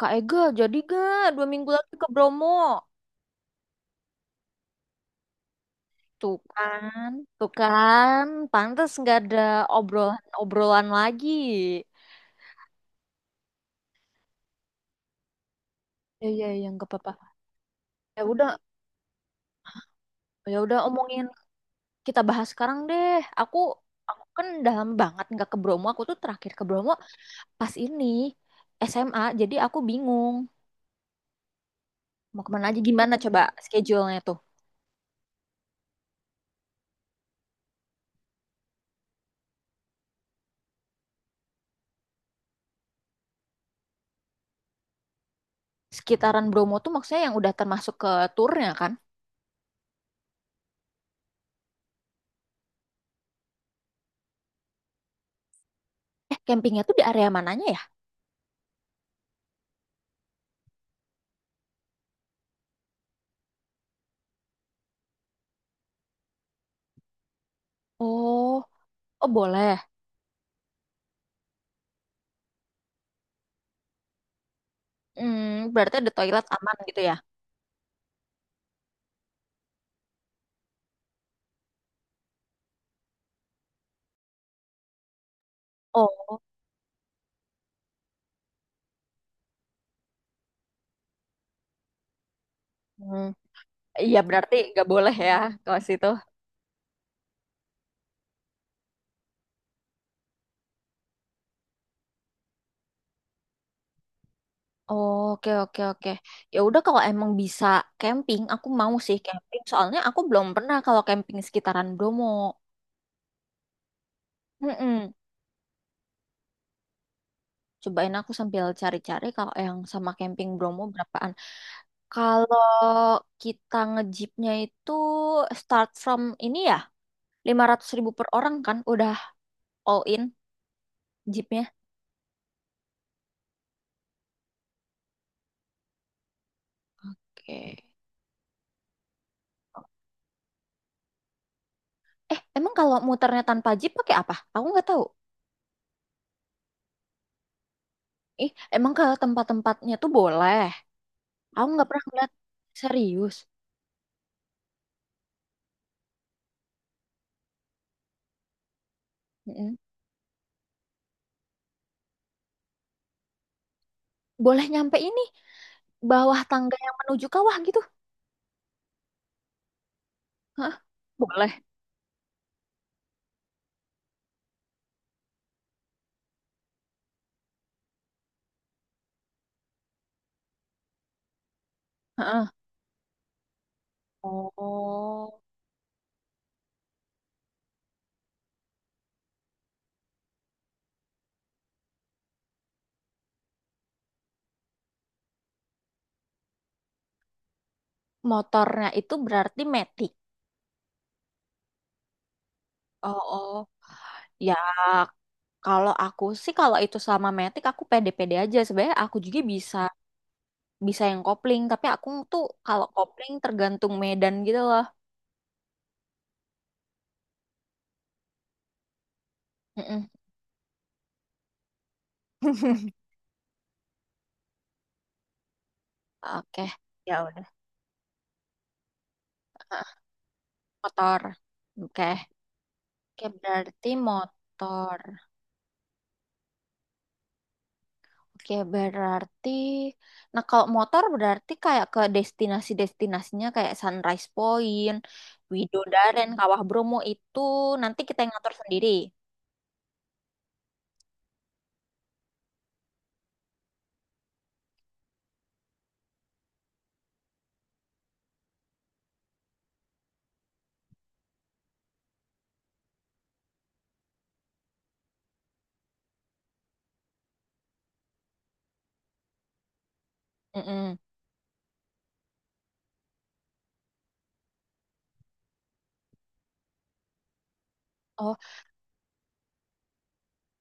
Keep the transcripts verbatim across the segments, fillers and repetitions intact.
Kak Ega, jadi gak dua minggu lagi ke Bromo? Tuh kan, tuh kan, pantas nggak ada obrolan-obrolan lagi. Iya iya, ya, nggak apa-apa. Ya udah, ya udah omongin kita bahas sekarang deh. Aku, aku kan dalam banget nggak ke Bromo. Aku tuh terakhir ke Bromo pas ini S M A. Jadi aku bingung mau kemana aja. Gimana coba schedule-nya tuh? Sekitaran Bromo tuh maksudnya yang udah termasuk ke turnya kan? Eh, campingnya tuh di area mananya ya? Oh, oh boleh. Hmm, berarti ada toilet aman gitu ya? Oh, hmm. Iya berarti nggak boleh ya kalau situ. Oke oke oke. Ya udah kalau emang bisa camping, aku mau sih camping. Soalnya aku belum pernah kalau camping sekitaran Bromo. Mm-mm. Cobain aku sambil cari-cari kalau yang sama camping Bromo berapaan. Kalau kita ngejipnya itu start from ini ya, lima ratus ribu per orang kan? Udah all in jeepnya. Oke. Eh, emang kalau muternya tanpa jeep pakai apa? Aku nggak tahu. Ih, emang kalau tempat-tempatnya tuh boleh. Aku nggak pernah ngeliat serius. Mm-mm. Boleh nyampe ini bawah tangga yang menuju kawah gitu? Hah? Boleh. Heeh. Oh, motornya itu berarti metik. Oh, oh. Ya, kalau aku sih kalau itu sama metik aku pede-pede aja. Sebenarnya aku juga bisa bisa yang kopling, tapi aku tuh kalau kopling tergantung medan gitu loh. Mm-mm. Oke, ya udah. Ah, motor. Oke. Oke, berarti motor. Oke, berarti nah kalau motor berarti kayak ke destinasi-destinasinya kayak Sunrise Point, Widodaren, Kawah Bromo itu nanti kita yang ngatur sendiri. Mm-mm. Oh,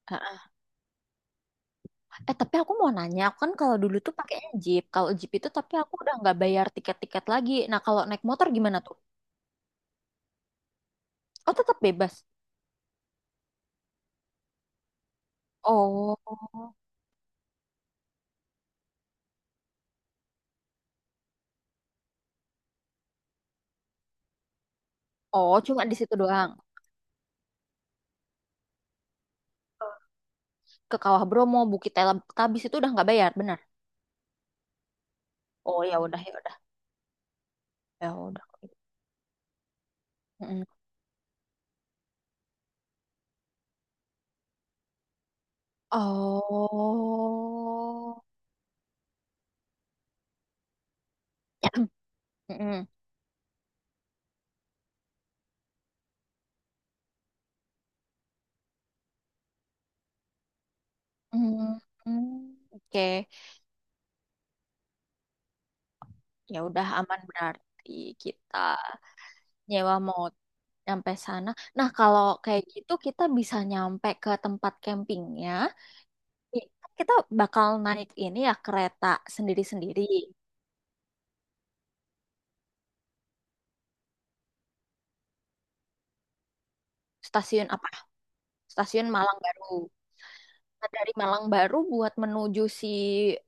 heeh. Eh tapi aku mau nanya, aku kan kalau dulu tuh pakainya Jeep. Kalau Jeep itu tapi aku udah nggak bayar tiket-tiket lagi. Nah, kalau naik motor gimana tuh? Oh, tetap bebas. Oh. Oh, cuma di situ doang. Ke Kawah Bromo, Bukit Tabis itu udah nggak bayar, benar? Oh ya udah ya udah ya udah. Mm-mm. Oh, Mm-mm. Mm-mm. Oke, ya udah aman berarti kita nyewa mau nyampe sana. Nah kalau kayak gitu kita bisa nyampe ke tempat campingnya. I- Kita bakal naik ini ya kereta sendiri-sendiri. Stasiun apa? Stasiun Malang Baru. Dari Malang Baru buat menuju si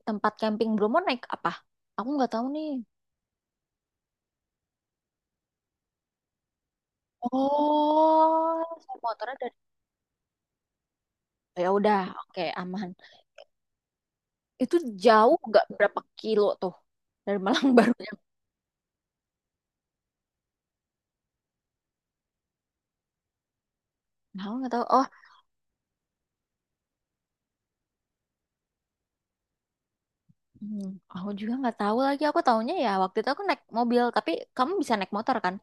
tempat camping Bromo naik apa? Aku nggak tahu nih. Oh, saya motornya dari. Oh, ya udah, oke aman. Itu jauh nggak berapa kilo tuh dari Malang Baru? Aku nggak tahu. Oh, hmm, aku juga nggak tahu lagi. Aku taunya ya waktu itu aku naik mobil, tapi kamu bisa naik motor kan?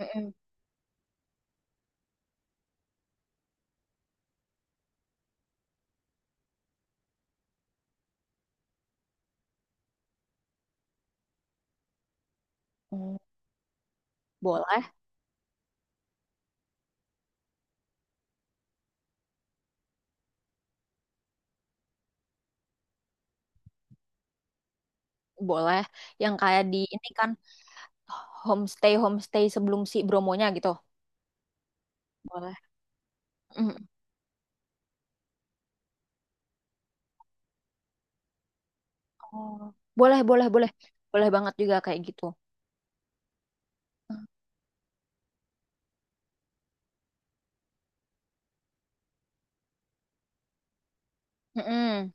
Mm-mm. Hmm, boleh, boleh. Yang kayak di ini kan homestay homestay sebelum si Bromonya gitu. Boleh. Mm-mm. Oh, boleh, boleh, boleh. Boleh banget juga kayak gitu. Mm-mm.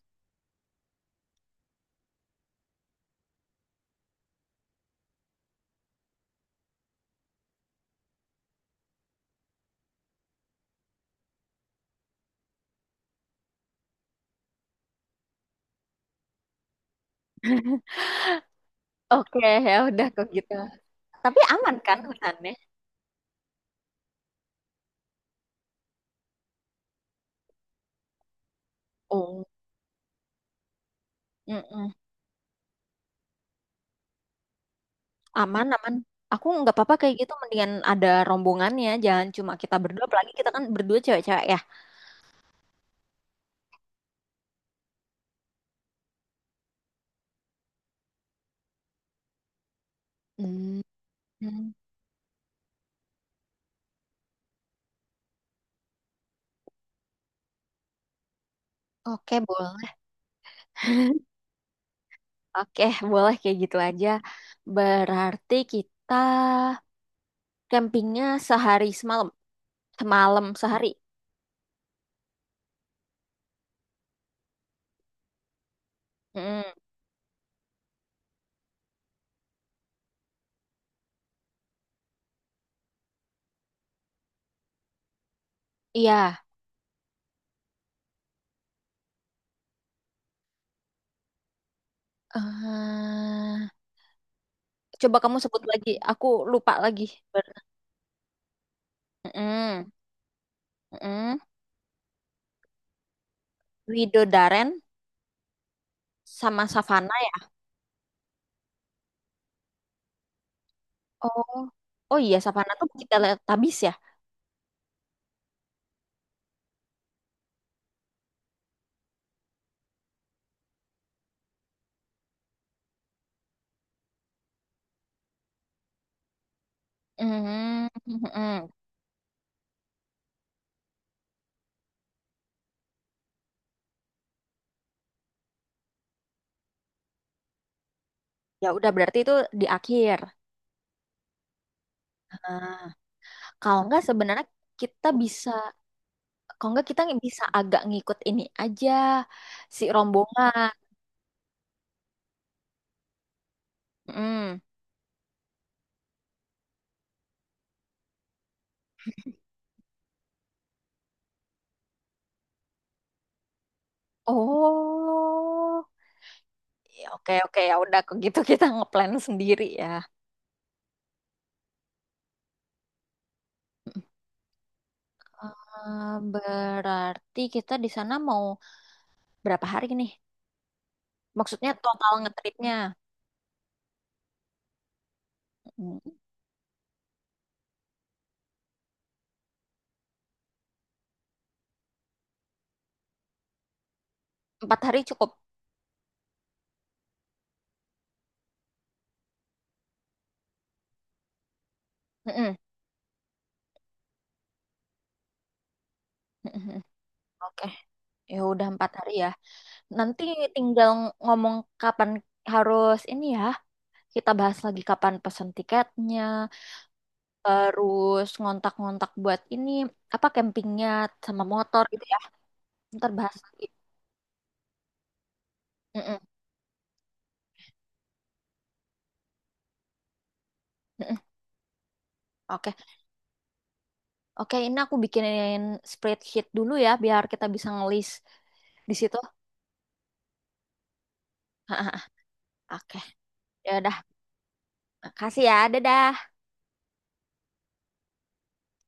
Oke, ya udah kok gitu. Tapi aman kan hutannya? Oh, mm-mm. Aman, aman. Aku nggak apa-apa kayak gitu. Mendingan ada rombongannya. Jangan cuma kita berdua. Apalagi kita kan berdua cewek-cewek ya. Mm. Oke, boleh. Oke, boleh kayak gitu aja. Berarti kita campingnya sehari semalam. Semalam sehari. Mm. Iya. Eh, coba kamu sebut lagi. Aku lupa lagi. Ber- Mm, mm. Widodaren sama Savana ya. Oh, oh iya Savana tuh kita lihat tabis ya. Mm, mm, mm. Ya udah berarti itu di akhir. Nah, kalau nggak sebenarnya kita bisa, kalau nggak kita bisa agak ngikut ini aja si rombongan. Mm. Oh, ya oke oke ya udah kalau gitu kita ngeplan sendiri ya. Eh, berarti kita di sana mau berapa hari nih? Maksudnya total ngetripnya. Mm, empat hari cukup. Mm-mm. Mm-mm. Oke, ya udah empat hari ya. Nanti tinggal ng- ngomong kapan harus ini ya. Kita bahas lagi kapan pesan tiketnya, terus ngontak-ngontak buat ini apa campingnya sama motor gitu ya. Ntar bahas lagi. Mm-mm. Mm-mm. Oke, oke, ini aku bikinin spreadsheet dulu ya, biar kita bisa ngelis di situ. Oke, ya udah. Makasih ya. Dadah.